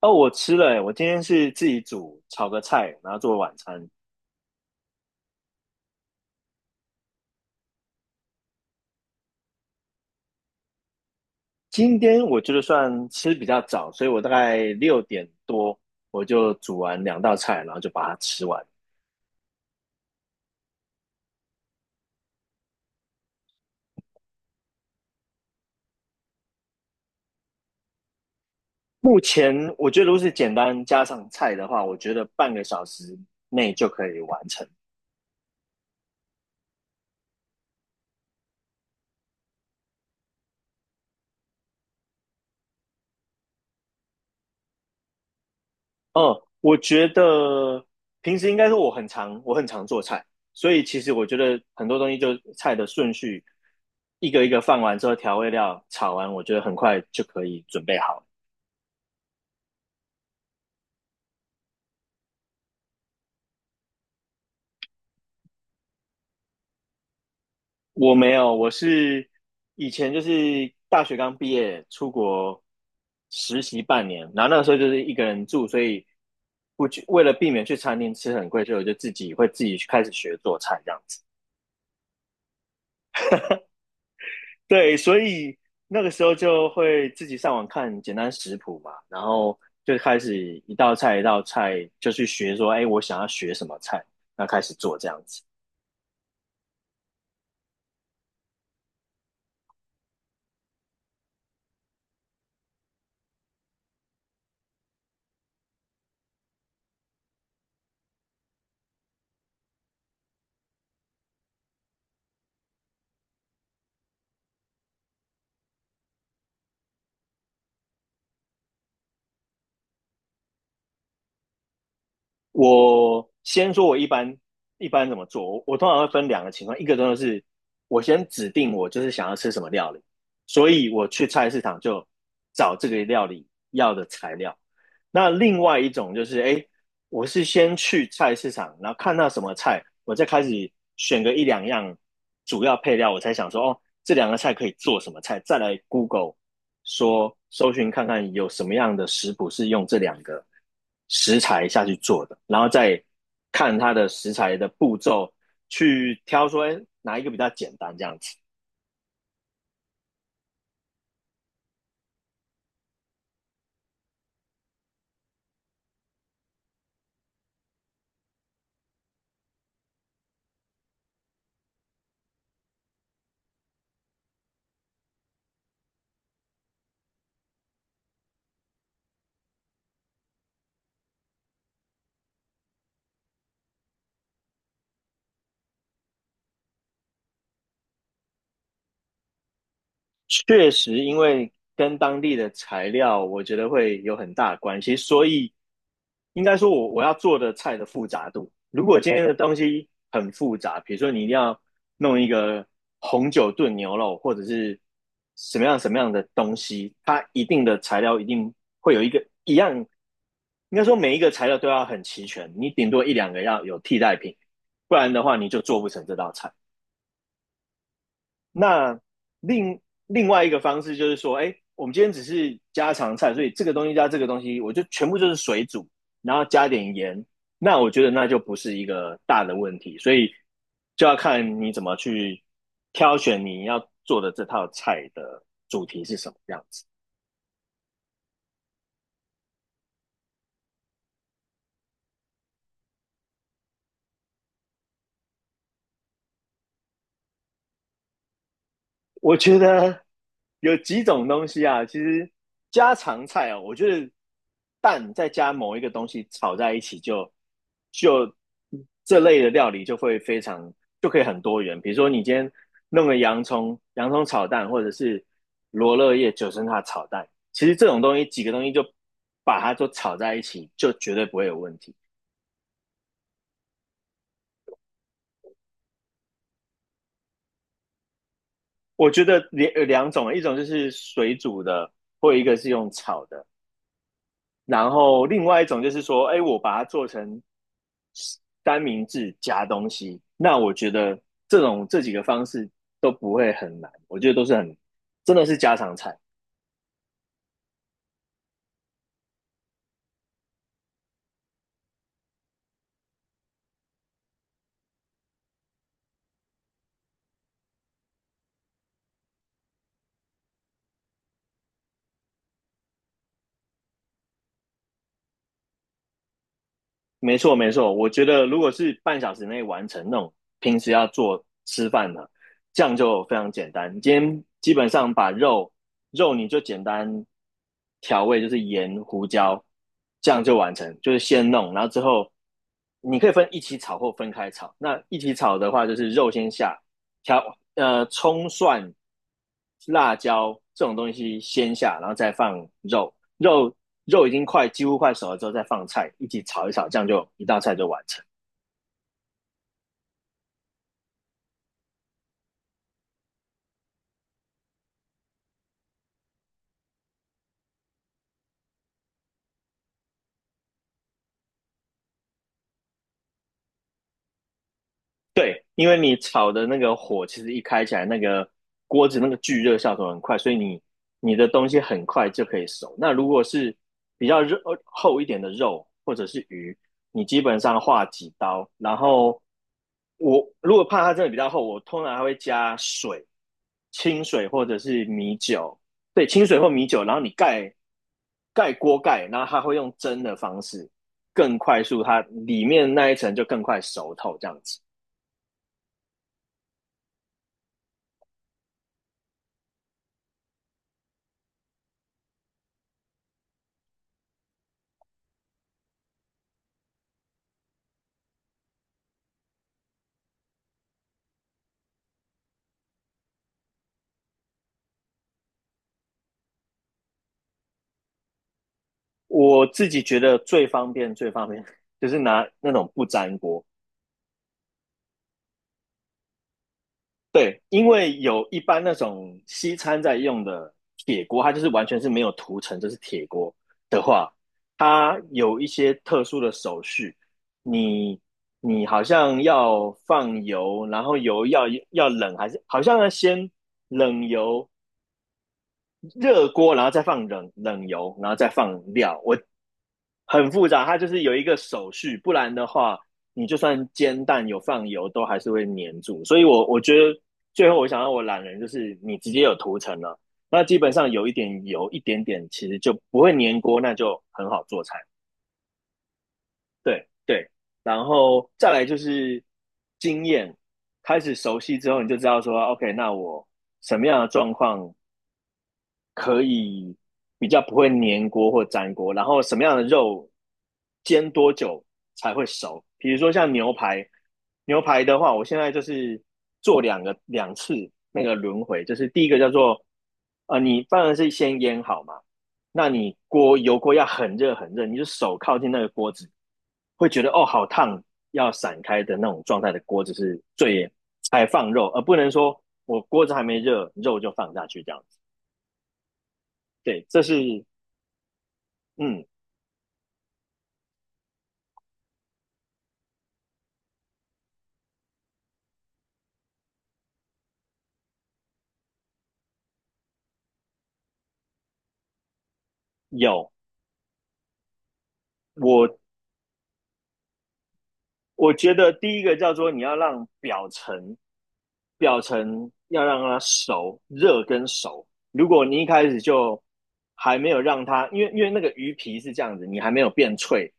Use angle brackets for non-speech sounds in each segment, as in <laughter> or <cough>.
哦，我吃了欸，我今天是自己煮炒个菜，然后做晚餐。今天我觉得算吃比较早，所以我大概6点多我就煮完2道菜，然后就把它吃完。目前我觉得如果是简单加上菜的话，我觉得半个小时内就可以完成。嗯，我觉得平时应该说我很常做菜，所以其实我觉得很多东西就菜的顺序一个一个放完之后，调味料炒完，我觉得很快就可以准备好了。我没有，我是以前就是大学刚毕业出国实习半年，然后那个时候就是一个人住，所以不就为了避免去餐厅吃很贵，所以我就自己会自己去开始学做菜这样子。对，所以那个时候就会自己上网看简单食谱嘛，然后就开始一道菜一道菜就去学说，哎，我想要学什么菜，那开始做这样子。我先说，我一般怎么做？我通常会分两个情况，一个真的是我先指定我就是想要吃什么料理，所以我去菜市场就找这个料理要的材料。那另外一种就是，哎，我是先去菜市场，然后看到什么菜，我再开始选个一两样主要配料，我才想说，哦，这两个菜可以做什么菜，再来 Google 说搜寻看看有什么样的食谱是用这两个食材下去做的，然后再看它的食材的步骤去挑说，哎，哪一个比较简单这样子。确实，因为跟当地的材料，我觉得会有很大的关系，所以应该说我要做的菜的复杂度。如果今天的东西很复杂，比如说你一定要弄一个红酒炖牛肉，或者是什么样什么样的东西，它一定的材料一定会有一个一样，应该说每一个材料都要很齐全，你顶多一两个要有替代品，不然的话你就做不成这道菜。那另另外一个方式就是说，哎，我们今天只是家常菜，所以这个东西加这个东西，我就全部就是水煮，然后加点盐。那我觉得那就不是一个大的问题，所以就要看你怎么去挑选你要做的这套菜的主题是什么样子。我觉得有几种东西啊，其实家常菜哦，我觉得蛋再加某一个东西炒在一起就这类的料理就会非常就可以很多元。比如说你今天弄个洋葱，洋葱炒蛋，或者是罗勒叶九层塔炒蛋，其实这种东西几个东西就把它都炒在一起，就绝对不会有问题。我觉得有两种，一种就是水煮的，或一个是用炒的。然后另外一种就是说，哎，我把它做成三明治加东西，那我觉得这种这几个方式都不会很难，我觉得都是真的是家常菜。没错，没错。我觉得如果是半小时内完成那种平时要做吃饭的，这样就非常简单。你今天基本上把肉你就简单调味，就是盐、胡椒，这样就完成。就是先弄，然后之后你可以分一起炒或分开炒。那一起炒的话，就是肉先下，调呃葱蒜、辣椒这种东西先下，然后再放肉，肉肉已经几乎快熟了之后，再放菜一起炒一炒，这样就一道菜就完成。对，因为你炒的那个火其实一开起来，那个锅子那个聚热效果很快，所以你的东西很快就可以熟。那如果是比较肉厚一点的肉或者是鱼，你基本上划几刀，然后我如果怕它真的比较厚，我通常还会加水。清水或者是米酒，对，清水或米酒，然后你盖盖锅盖，然后它会用蒸的方式更快速，它里面那一层就更快熟透这样子。我自己觉得最方便最方便 <laughs> 就是拿那种不粘锅。对，因为有一般那种西餐在用的铁锅，它就是完全是没有涂层，就是铁锅的话，它有一些特殊的手续，你你好像要放油，然后油要冷，还是好像要先冷油热锅，然后再放冷油，然后再放料。很复杂，它就是有一个手续，不然的话，你就算煎蛋有放油，都还是会粘住。所以我觉得最后我想要我懒人就是你直接有涂层了，那基本上有一点油一点点，其实就不会粘锅，那就很好做菜。对对，然后再来就是经验，开始熟悉之后，你就知道说，OK,那我什么样的状况可以比较不会粘锅或粘锅，然后什么样的肉煎多久才会熟？比如说像牛排，牛排的话，我现在就是做两次那个轮回，就是第一个叫做呃，你当然是先腌好嘛，那你锅油锅要很热很热，你就手靠近那个锅子，会觉得哦好烫，要散开的那种状态的锅子是最才放肉，而不能说我锅子还没热，肉就放下去这样。对，这是嗯有我我觉得第一个叫做你要让表层，表层要让它熟，热跟熟。如果你一开始就还没有让它，因为那个鱼皮是这样子，你还没有变脆，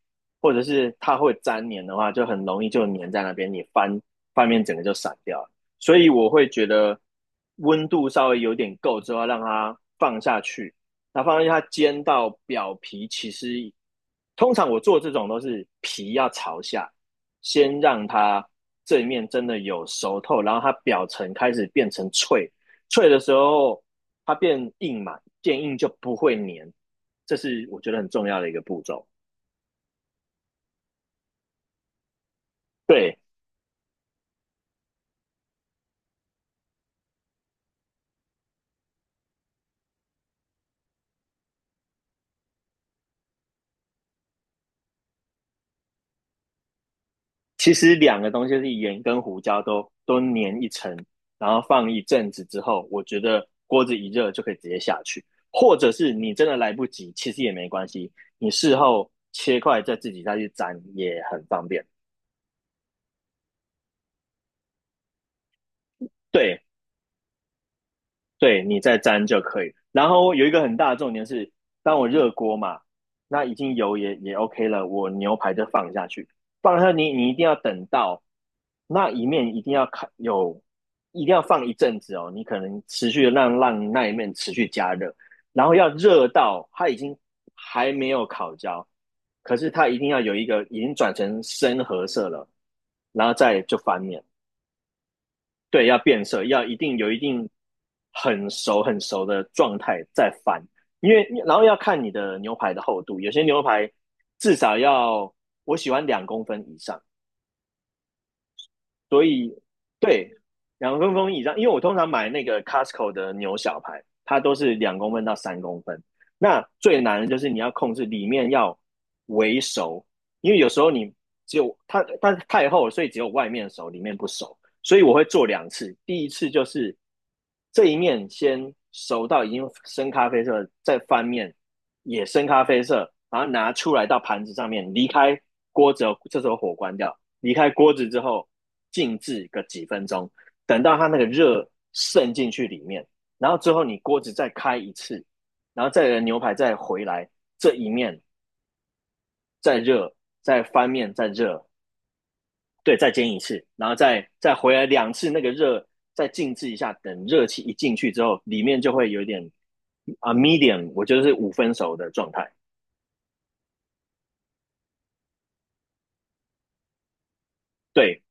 或者是它会粘黏的话，就很容易就黏在那边，你翻面整个就散掉了。所以我会觉得温度稍微有点够之后，让它放下去，那放下去它煎到表皮，其实通常我做这种都是皮要朝下。先让它这一面真的有熟透，然后它表层开始变成脆，脆的时候它变硬嘛，变硬就不会粘，这是我觉得很重要的一个步骤。对，其实两个东西是盐跟胡椒都粘一层，然后放一阵子之后，我觉得锅子一热就可以直接下去，或者是你真的来不及，其实也没关系，你事后切块再自己再去沾也很方便。对，对，你再沾就可以。然后有一个很大的重点是，当我热锅嘛，那已经油也 OK 了，我牛排就放下去，放下去你一定要等到那一面一定要烤有，一定要放一阵子哦，你可能持续的让那一面持续加热，然后要热到它已经还没有烤焦，可是它一定要有一个已经转成深褐色了，然后再就翻面。对，要变色，要一定有一定很熟很熟的状态再翻，因为然后要看你的牛排的厚度，有些牛排至少要我喜欢两公分以上，所以对两公分以上，因为我通常买那个 Costco 的牛小排，它都是2公分到3公分。那最难的就是你要控制里面要微熟，因为有时候你只有它太厚了，所以只有外面熟，里面不熟。所以我会做两次，第一次就是这一面先熟到已经深咖啡色，再翻面也深咖啡色，然后拿出来到盘子上面，离开锅之后，这时候火关掉，离开锅子之后静置个几分钟，等到它那个热渗进去里面，然后之后你锅子再开一次，然后再牛排再回来这一面再热，再翻面再热，对，再煎一次，然后再回来两次，那个热再静置一下，等热气一进去之后，里面就会有点啊 medium,我觉得是五分熟的状态，对。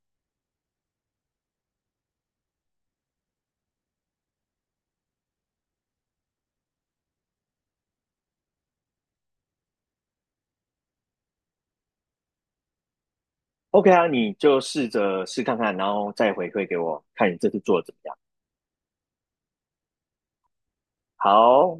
OK 啊，你就试着试看看，然后再回馈给我，看你这次做的怎么样。好，